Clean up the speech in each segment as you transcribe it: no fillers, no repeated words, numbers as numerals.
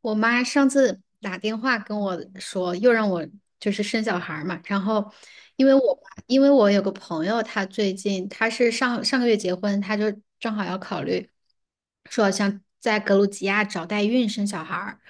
我妈上次打电话跟我说，又让我就是生小孩儿嘛。然后，因为我有个朋友，她最近她是上上个月结婚，她就正好要考虑说想在格鲁吉亚找代孕生小孩儿。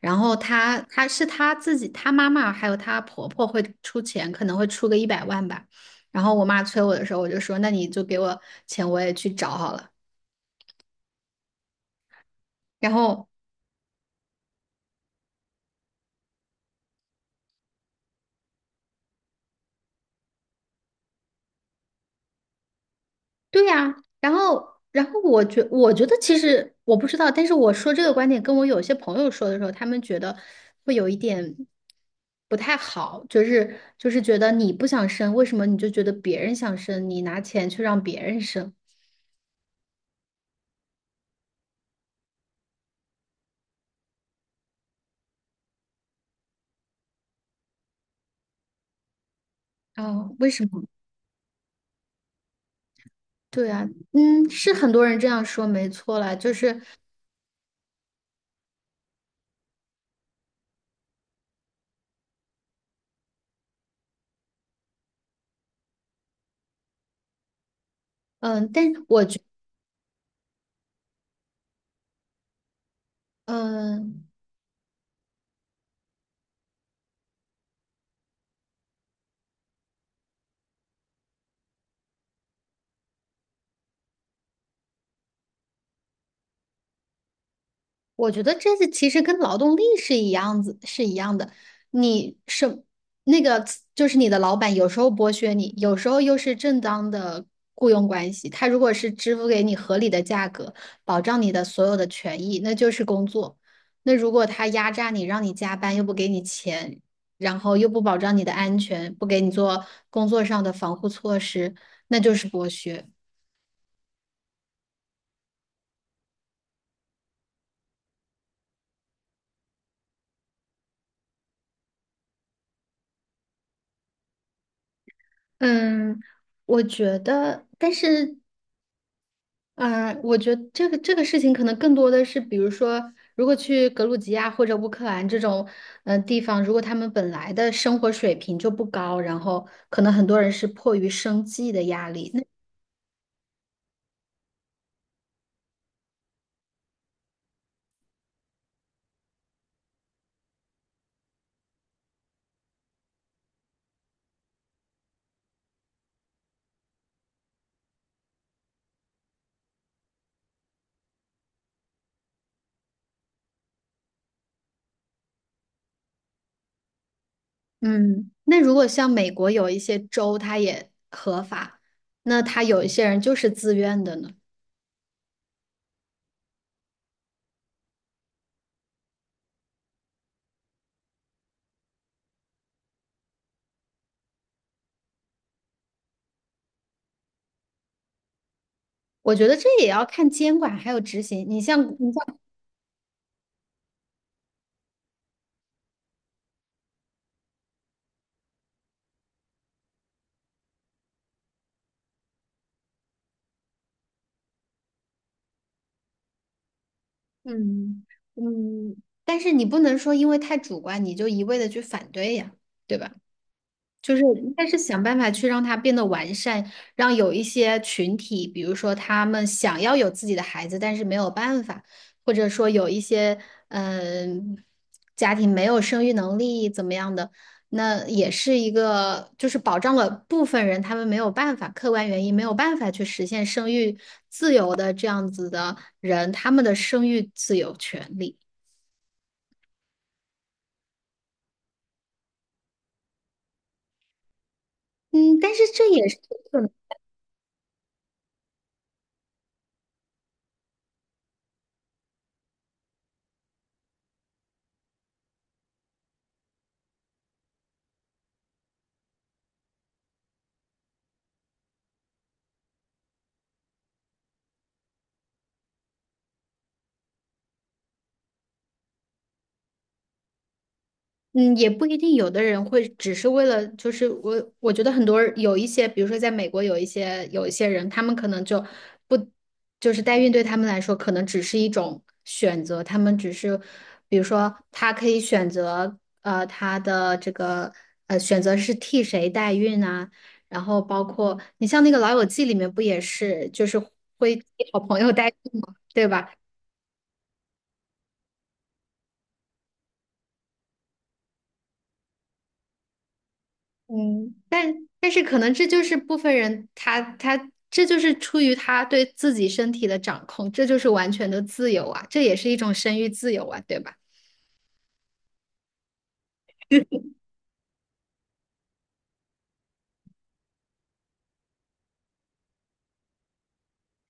然后她是她自己，她妈妈还有她婆婆会出钱，可能会出个100万吧。然后我妈催我的时候，我就说那你就给我钱，我也去找好了。然后。对呀，然后，我觉得其实我不知道，但是我说这个观点跟我有些朋友说的时候，他们觉得会有一点不太好，就是觉得你不想生，为什么你就觉得别人想生，你拿钱去让别人生？哦，为什么？对啊。嗯，是很多人这样说，没错啦，就是，嗯，但是嗯、我觉得这是其实跟劳动力是一样子，是一样的。你是那个，就是你的老板有时候剥削你，有时候又是正当的雇佣关系。他如果是支付给你合理的价格，保障你的所有的权益，那就是工作。那如果他压榨你，让你加班又不给你钱，然后又不保障你的安全，不给你做工作上的防护措施，那就是剥削。嗯，我觉得，但是嗯，我觉得这个事情可能更多的是，比如说，如果去格鲁吉亚或者乌克兰这种地方，如果他们本来的生活水平就不高，然后可能很多人是迫于生计的压力。那嗯，那如果像美国有一些州，它也合法，那他有一些人就是自愿的呢。我觉得这也要看监管还有执行。你像你像嗯嗯，但是你不能说因为太主观，你就一味的去反对呀，对吧？就是应该是想办法去让它变得完善，让有一些群体，比如说他们想要有自己的孩子，但是没有办法，或者说有一些嗯、家庭没有生育能力怎么样的，那也是一个就是保障了部分人他们没有办法，客观原因没有办法去实现生育自由的这样子的人，他们的生育自由权利。嗯，但是这也是。嗯，也不一定，有的人会只是为了，就是我，我觉得很多人有一些，比如说在美国有一些人，他们可能就不，就是代孕对他们来说可能只是一种选择，他们只是，比如说他可以选择，他的这个选择是替谁代孕啊，然后包括你像那个《老友记》里面不也是，就是会替好朋友代孕嘛，对吧？嗯，但是可能这就是部分人他这就是出于他对自己身体的掌控，这就是完全的自由啊，这也是一种生育自由啊，对吧？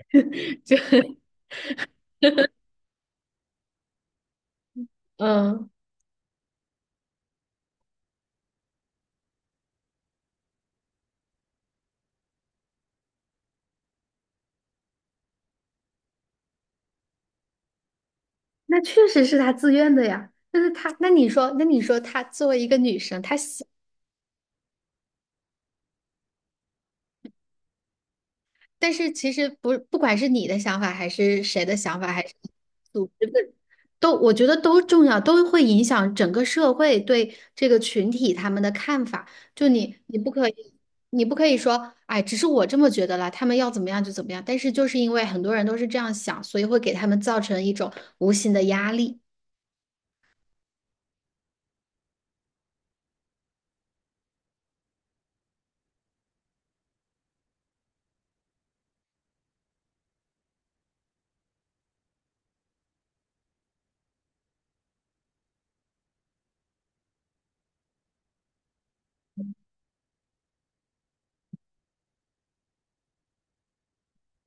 就嗯，那确实是他自愿的呀。但是他，那你说，那你说他作为一个女生，她想，但是其实不，不管是你的想法还是谁的想法，还是。都我觉得都重要，都会影响整个社会对这个群体他们的看法。就你，你不可以，你不可以说，哎，只是我这么觉得啦，他们要怎么样就怎么样。但是就是因为很多人都是这样想，所以会给他们造成一种无形的压力。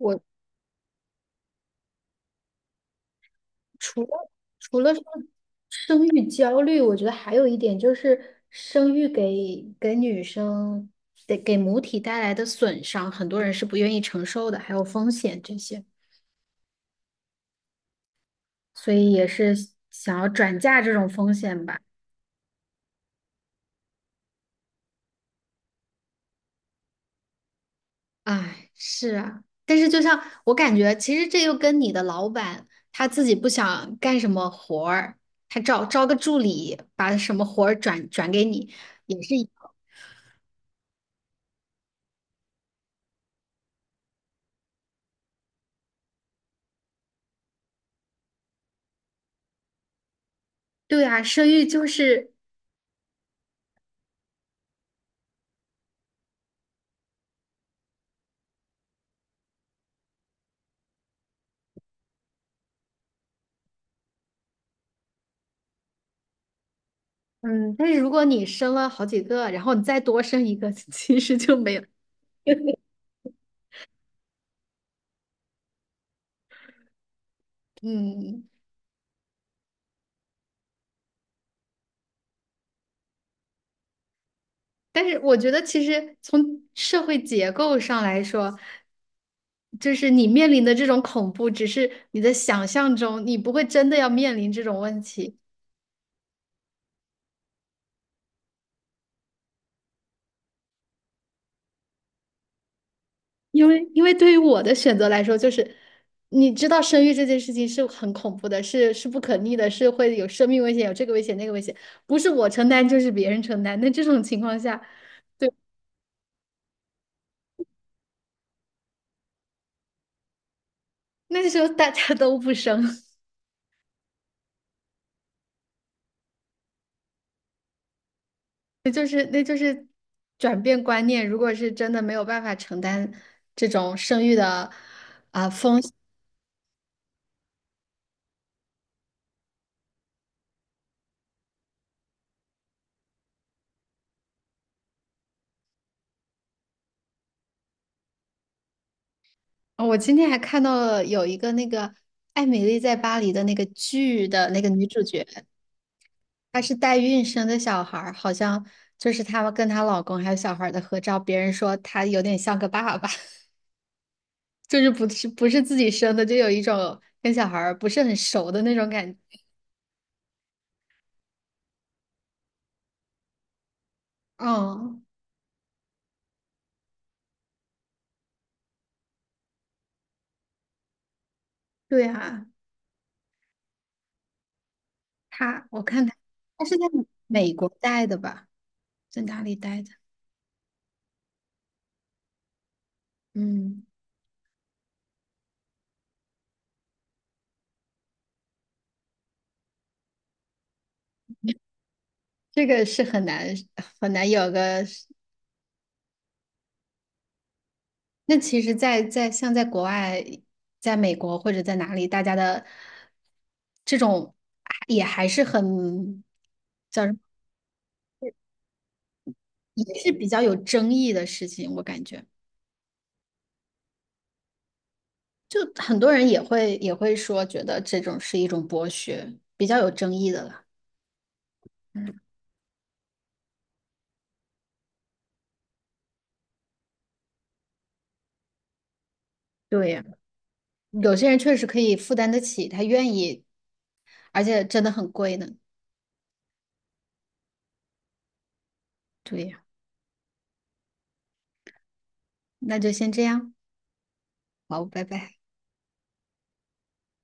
我除了说生育焦虑，我觉得还有一点就是生育给女生得给母体带来的损伤，很多人是不愿意承受的，还有风险这些。所以也是想要转嫁这种风险吧。哎，是啊，但是就像我感觉，其实这又跟你的老板他自己不想干什么活儿，他招个助理，把什么活儿转给你，也是一。对啊，生育就是，嗯，但是如果你生了好几个，然后你再多生一个，其实就没有。嗯，但是我觉得其实从社会结构上来说，就是你面临的这种恐怖，只是你的想象中，你不会真的要面临这种问题。因为，因为对于我的选择来说，就是你知道生育这件事情是很恐怖的，是不可逆的，是会有生命危险，有这个危险那个危险，不是我承担就是别人承担。那这种情况下，对，那时候大家都不生，那就是转变观念。如果是真的没有办法承担这种生育的。风。哦我今天还看到了有一个那个《艾米丽在巴黎》的那个剧的那个女主角，她是代孕生的小孩儿，好像就是他们跟她老公还有小孩儿的合照，别人说她有点像个爸爸，就是不是自己生的，就有一种跟小孩儿不是很熟的那种感觉。嗯，对啊，她我看她，她是在美国待的吧，在哪里待的？嗯，这个是很难很难有个。那其实在，像在国外，在美国或者在哪里，大家的这种也还是很叫什么，也是比较有争议的事情，我感觉，就很多人也会说，觉得这种是一种剥削，比较有争议的了。对呀，有些人确实可以负担得起，他愿意，而且真的很贵呢。对呀。那就先这样，好，拜拜。